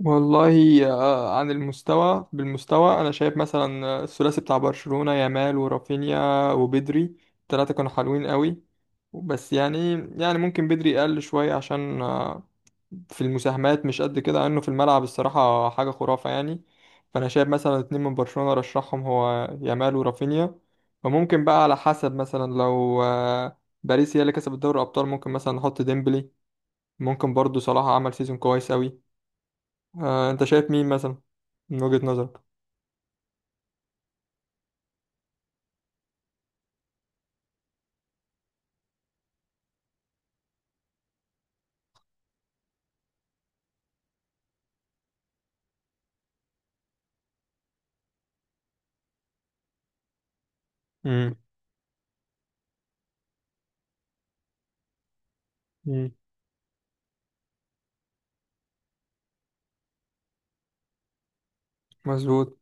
والله، عن المستوى بالمستوى انا شايف مثلا الثلاثي بتاع برشلونة يامال ورافينيا وبدري. الثلاثه كانوا حلوين قوي، بس يعني، ممكن بدري اقل شويه، عشان في المساهمات مش قد كده، انه في الملعب الصراحه حاجه خرافه يعني. فانا شايف مثلا 2 من برشلونة رشحهم هو، يامال ورافينيا. وممكن بقى على حسب، مثلا لو باريس هي اللي كسبت دوري الابطال، ممكن مثلا نحط ديمبلي. ممكن برضو صلاح عمل سيزون كويس قوي. انت شايف مين مثلا، من وجهة نظرك؟ امم. مظبوط.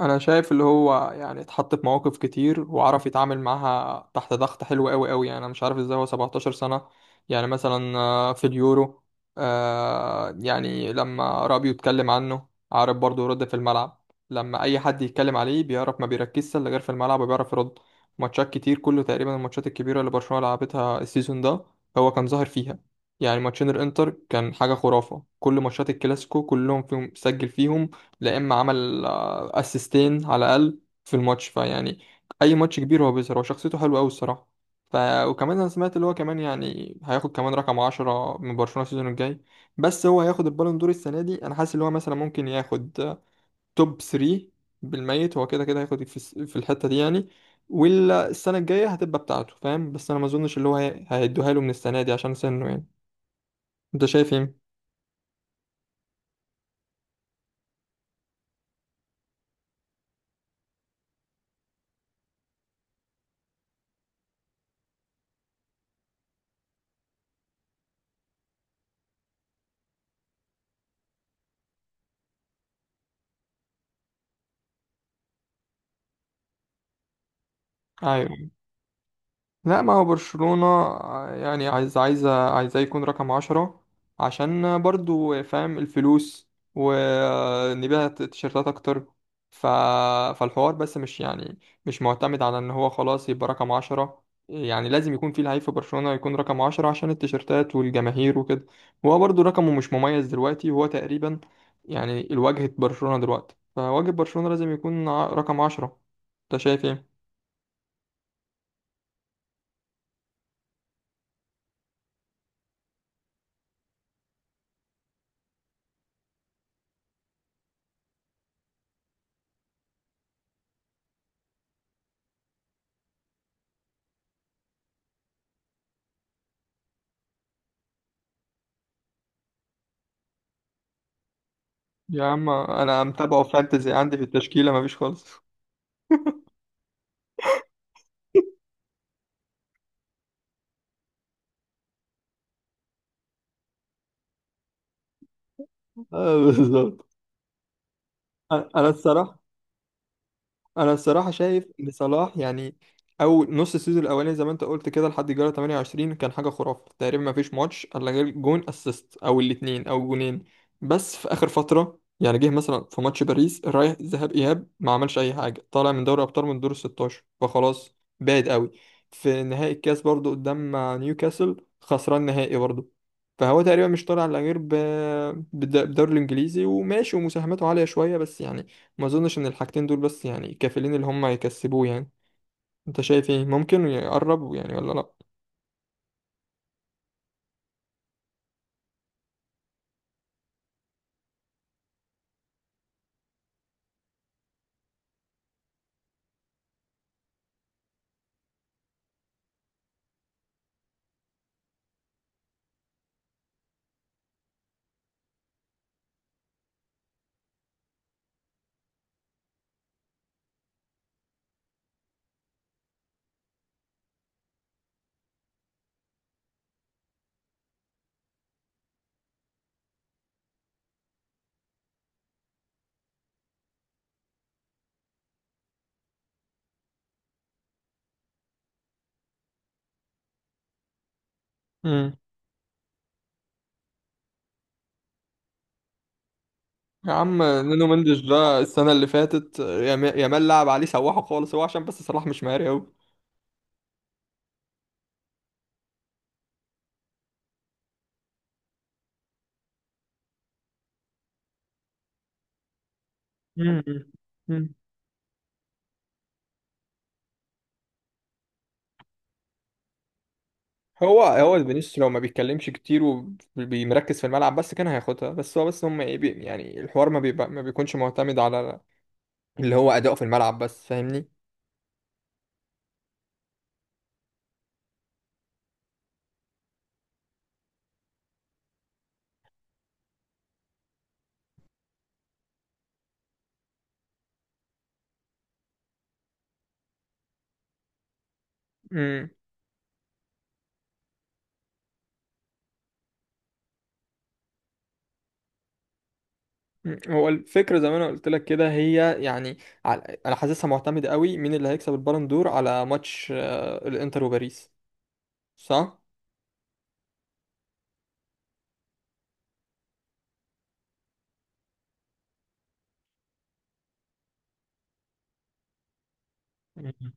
انا شايف اللي هو يعني اتحط في مواقف كتير وعرف يتعامل معاها تحت ضغط حلو قوي قوي. يعني انا مش عارف ازاي هو 17 سنة. يعني مثلا في اليورو، يعني لما رابيو اتكلم عنه، عارف برضه يرد في الملعب. لما اي حد يتكلم عليه بيعرف، ما بيركزش الا غير في الملعب وبيعرف يرد. ماتشات كتير، كله تقريبا الماتشات الكبيرة اللي برشلونة لعبتها السيزون ده هو كان ظاهر فيها. يعني ماتشين الانتر كان حاجة خرافة، كل ماتشات الكلاسيكو كلهم فيهم سجل فيهم، لا اما عمل اسيستين على الاقل في الماتش. فيعني اي ماتش كبير هو بيظهر. هو شخصيته حلوه قوي الصراحه. ف وكمان انا سمعت اللي هو كمان يعني هياخد كمان رقم 10 من برشلونه السيزون الجاي. بس هو هياخد البالون دور السنه دي؟ انا حاسس اللي هو مثلا ممكن ياخد توب 3 بالميت. هو كده كده هياخد في في الحته دي يعني. والسنه الجايه هتبقى بتاعته، فاهم. بس انا ما اظنش اللي هو هيدوها له من السنه دي، عشان سنه يعني. انت شايف ايه؟ ايوه. لا، ما هو برشلونة يعني عايزاه يكون رقم 10، عشان برضو فاهم الفلوس، ونبيع تيشيرتات أكتر. ف... فالحوار، بس مش يعني، مش معتمد على إن هو خلاص يبقى رقم 10. يعني لازم يكون في لعيب في برشلونة يكون رقم 10، عشان التيشيرتات والجماهير وكده. وهو برضو رقمه مش مميز دلوقتي، وهو تقريبا يعني الواجهة، برشلونة دلوقتي، فواجهة برشلونة لازم يكون رقم 10. أنت شايف إيه؟ يا عم، انا متابعه فانتزي عندي في التشكيله، مفيش خالص اه، بالظبط. انا أنا الصراحه انا الصراحه شايف ان صلاح يعني، او نص السيزون الاولاني، زي ما انت قلت كده، لحد الجوله 28 كان حاجه خرافه. تقريبا ما فيش ماتش الا غير جون اسيست، او الاثنين، او جونين. بس في اخر فتره، يعني جه مثلا في ماتش باريس رايح، ذهاب اياب ما عملش اي حاجه، طالع من دوري ابطال من دور ال 16. فخلاص، بعيد قوي. في نهائي الكاس برضو قدام نيوكاسل، خسران نهائي برضو. فهو تقريبا مش طالع الا غير بالدوري الانجليزي، وماشي، ومساهماته عاليه شويه، بس يعني ما اظنش ان الحاجتين دول بس يعني كافلين اللي هم يكسبوه يعني. انت شايف ايه، ممكن يقربوا يعني ولا لا؟ امم. يا عم، نونو مندش ده السنه اللي فاتت يامال لعب عليه سواحه خالص. هو عشان بس صلاح مش مهاري قوي. هو فينيسيوس لو ما بيتكلمش كتير وبيمركز في الملعب بس كان هياخدها. بس هو، بس هم ايه، يعني الحوار ما بيكونش معتمد على اللي هو اداؤه في الملعب بس، فاهمني. مم. هو الفكرة زي ما انا قلت لك كده هي، يعني، انا حاسسها معتمدة قوي، مين اللي هيكسب البالون دور على ماتش الانتر وباريس، صح؟ مهم.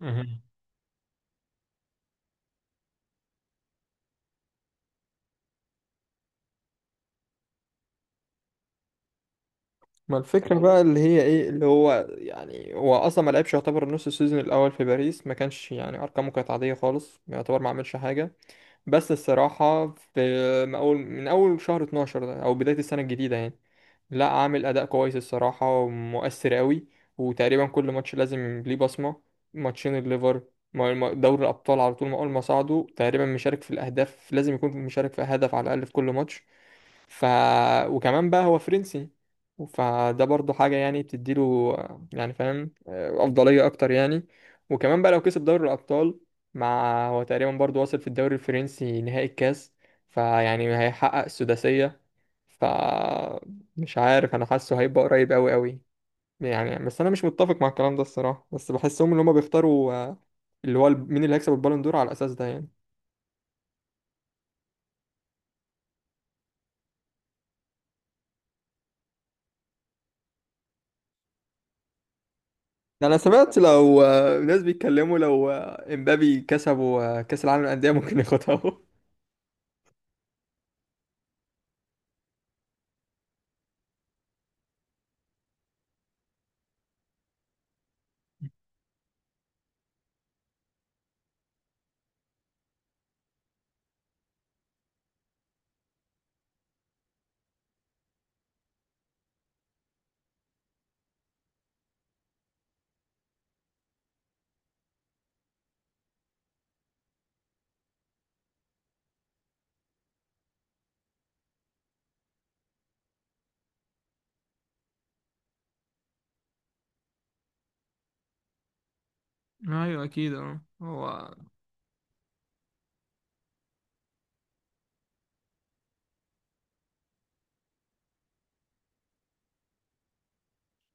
مهم. ما الفكرة بقى اللي هي ايه، اللي هو يعني هو اصلا ما لعبش، يعتبر نص السيزون الاول في باريس ما كانش، يعني ارقامه كانت عادية خالص، يعتبر ما عملش حاجة. بس الصراحة، في من أول شهر 12 ده، أو بداية السنة الجديدة يعني، لا، عامل أداء كويس الصراحة، ومؤثر قوي، وتقريبا كل ماتش لازم ليه بصمة. ماتشين الليفر، دوري الأبطال على طول، ما أول ما صعدوا تقريبا مشارك في الأهداف، لازم يكون مشارك في هدف على الأقل في كل ماتش. ف وكمان بقى هو فرنسي، فده برضه حاجة يعني بتديله، يعني فاهم، أفضلية أكتر يعني. وكمان بقى لو كسب دوري الأبطال، مع هو تقريبا برضه واصل في الدوري الفرنسي، نهائي الكاس، فيعني هيحقق السداسية. ف مش عارف، أنا حاسه هيبقى قريب أوي أوي، يعني. بس أنا مش متفق مع الكلام ده الصراحة، بس بحسهم إن هما بيختاروا اللي هو مين اللي هيكسب البالون دور على الأساس ده يعني. ده انا سمعت، لو ناس بيتكلموا لو امبابي كسبوا كاس العالم للانديه، ممكن ياخدها اهو. ايوه، اكيد. اه. هو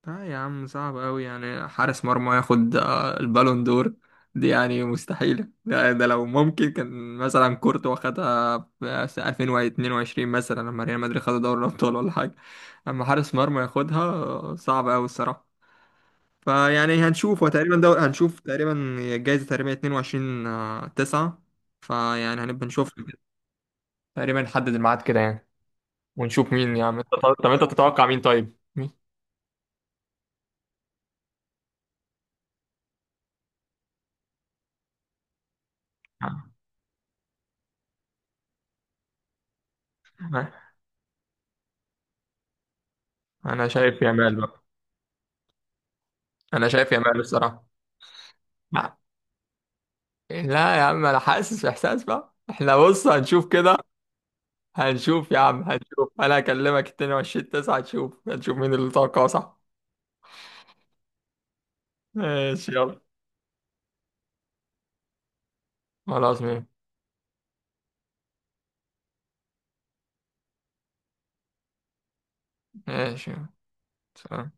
لا يا عم، صعب قوي يعني حارس مرمى ياخد البالون دور دي، يعني مستحيلة. ده لو ممكن، كان مثلا كورتوا خدها في سنة 2022 مثلا، لما ريال مدريد خدوا دوري الابطال ولا حاجة. اما حارس مرمى ياخدها، صعب قوي الصراحة. فيعني هنشوف، وتقريبا هنشوف تقريبا الجايزة تقريبا 22/9، فيعني هنبقى نشوف، تقريبا نحدد الميعاد كده يعني، ونشوف مين، يا عم انت. طب انت تتوقع مين، طيب، مين؟ انا شايف يامال بقى. انا شايف يامال الصراحه. لا، لا يا عم، انا حاسس احساس بقى. احنا بص هنشوف كده، هنشوف يا عم، هنشوف. انا هكلمك 22/9، هنشوف، مين اللي توقعه صح. ماشي، يلا. خلاص، ماشي. ماشي. سلام.